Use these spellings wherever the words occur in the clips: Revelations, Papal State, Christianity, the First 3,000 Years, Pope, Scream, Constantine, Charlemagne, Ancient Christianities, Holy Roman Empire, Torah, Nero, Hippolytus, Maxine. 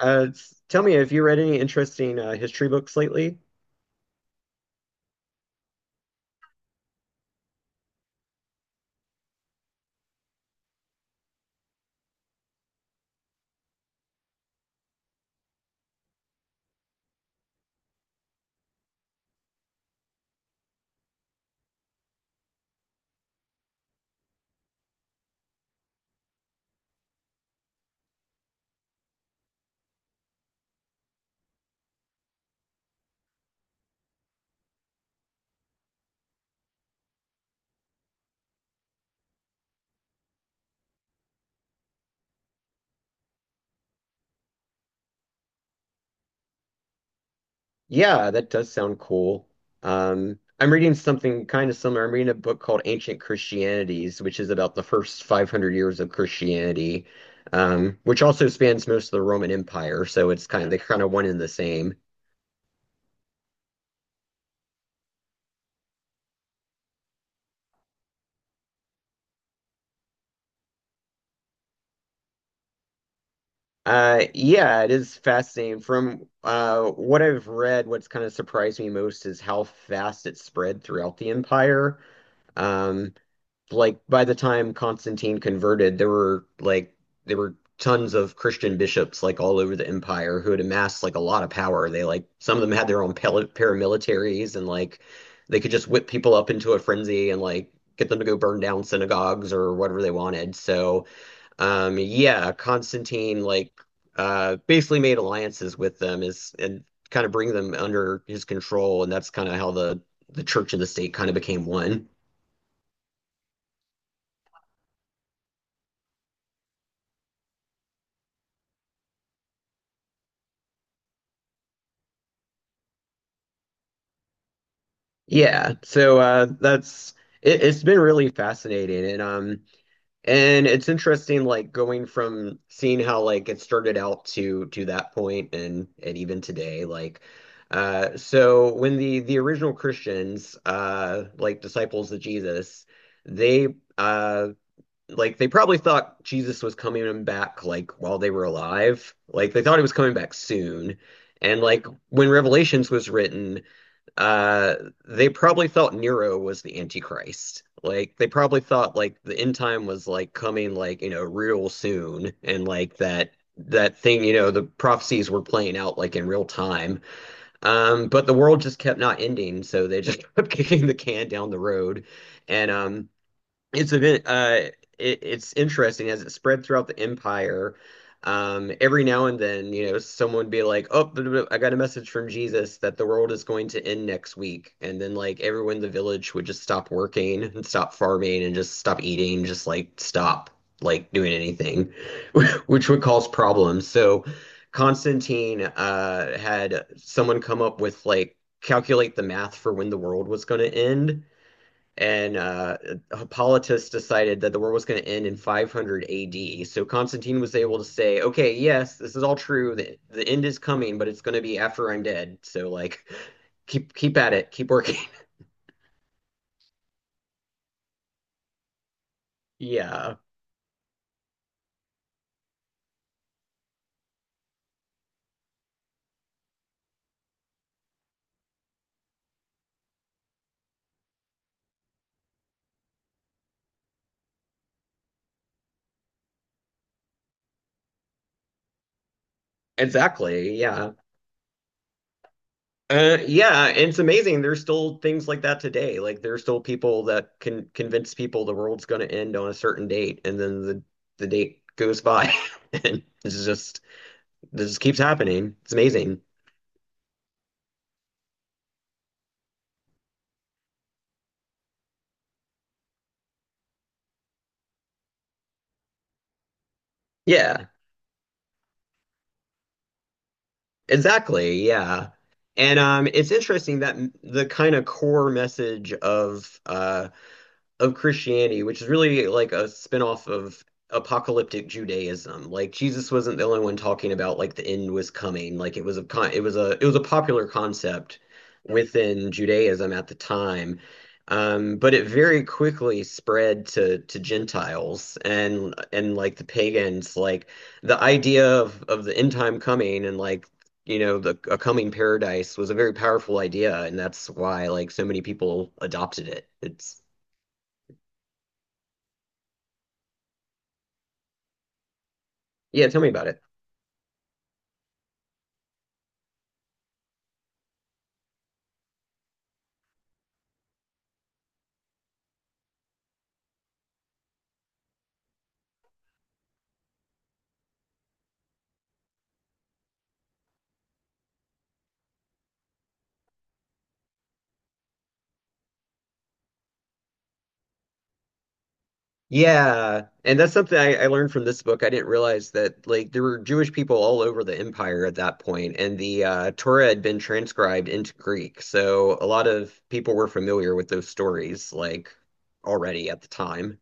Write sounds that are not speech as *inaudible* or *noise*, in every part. Tell me, have you read any interesting history books lately? Yeah, that does sound cool. I'm reading something kind of similar. I'm reading a book called Ancient Christianities, which is about the first 500 years of Christianity, which also spans most of the Roman Empire. So it's kind of one and the same. Yeah, it is fascinating. From what I've read, what's kind of surprised me most is how fast it spread throughout the empire. Um, like by the time Constantine converted, there were tons of Christian bishops like all over the empire who had amassed like a lot of power. They like some of them had their own paramilitaries and like they could just whip people up into a frenzy and like get them to go burn down synagogues or whatever they wanted. So yeah, Constantine like basically made alliances with them is and kind of bring them under his control, and that's kind of how the church and the state kind of became one. Yeah, so that's it's been really fascinating, and and it's interesting, like going from seeing how like it started out to that point and even today, like so when the original Christians, like disciples of Jesus, they uh like they probably thought Jesus was coming back like while they were alive. Like they thought he was coming back soon. And like when Revelations was written, uh they probably thought Nero was the Antichrist. Like they probably thought like the end time was like coming like you know real soon and like that thing you know the prophecies were playing out like in real time. But the world just kept not ending so they just *laughs* kept kicking the can down the road and it's a bit it's interesting as it spread throughout the empire. Every now and then, you know, someone would be like, "Oh, blah, blah, blah, I got a message from Jesus that the world is going to end next week," and then like everyone in the village would just stop working *laughs* and stop farming and just stop eating, just like stop like doing anything, *laughs* which would cause problems. So Constantine had someone come up with like calculate the math for when the world was going to end and Hippolytus decided that the world was going to end in 500 AD. So Constantine was able to say, "Okay, yes, this is all true. The end is coming, but it's going to be after I'm dead. So like, keep at it, keep working." *laughs* Yeah, exactly. Yeah. Yeah, and it's amazing. There's still things like that today. Like there's still people that can convince people the world's going to end on a certain date, and then the date goes by, *laughs* and it's just this just keeps happening. It's amazing. Yeah. Exactly, yeah. And it's interesting that the kind of core message of Christianity, which is really like a spinoff of apocalyptic Judaism. Like Jesus wasn't the only one talking about like the end was coming. Like it was a con it was a popular concept within Judaism at the time. But it very quickly spread to Gentiles and like the pagans, like the idea of the end time coming and like you know the a coming paradise was a very powerful idea, and that's why like so many people adopted it. It's yeah, tell me about it. Yeah, and that's something I learned from this book. I didn't realize that like there were Jewish people all over the empire at that point, and the Torah had been transcribed into Greek, so a lot of people were familiar with those stories like already at the time.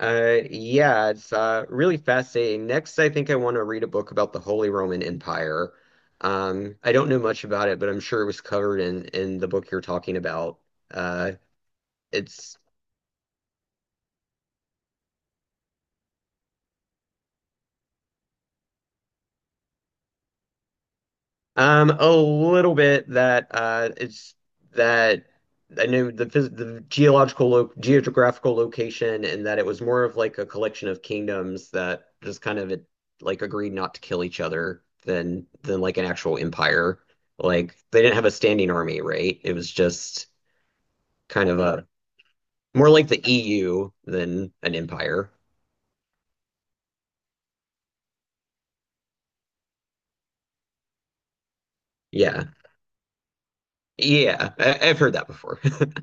Yeah, it's really fascinating. Next, I think I want to read a book about the Holy Roman Empire. I don't know much about it, but I'm sure it was covered in the book you're talking about. Uh, it's a little bit that it's that I knew the phys the geological lo geographical location and that it was more of like a collection of kingdoms that just kind of like agreed not to kill each other than like an actual empire. Like they didn't have a standing army, right? It was just kind of a more like the EU than an empire. Yeah, yeah, I've heard that before. *laughs*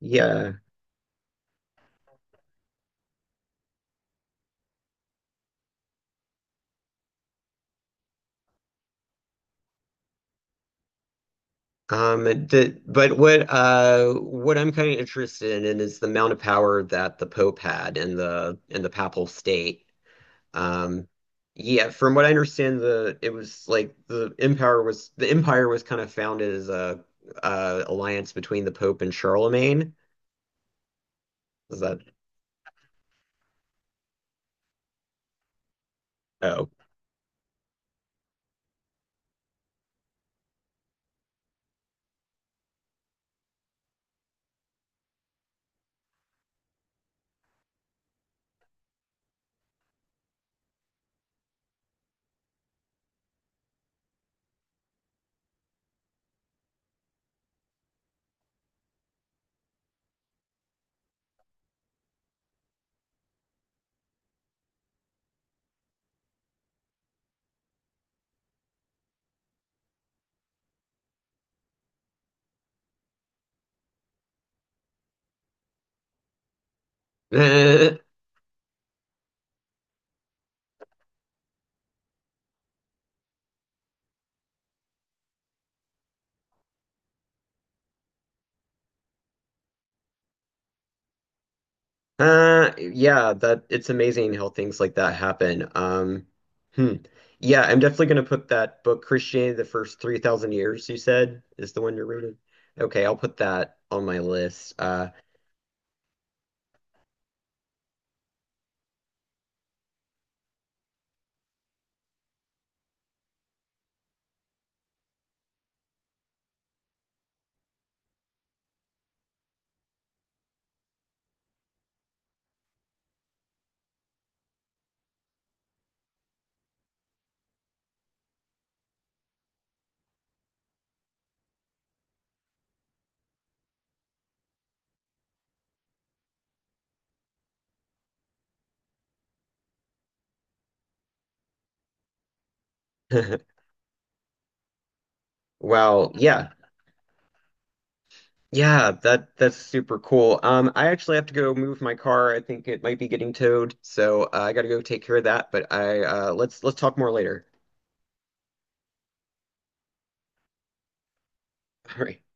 Yeah. The, but what I'm kind of interested in is the amount of power that the Pope had in the Papal State. Um, yeah, from what I understand, the it was like the empire was kind of founded as a alliance between the Pope and Charlemagne. Is that oh *laughs* yeah, that it's amazing how things like that happen. Hmm. Yeah, I'm definitely gonna put that book, Christianity, the First 3,000 Years, you said, is the one you're reading. Okay, I'll put that on my list. *laughs* Wow, yeah. Yeah, that that's super cool. I actually have to go move my car. I think it might be getting towed, so I gotta go take care of that. But I let's talk more later. *laughs* All right.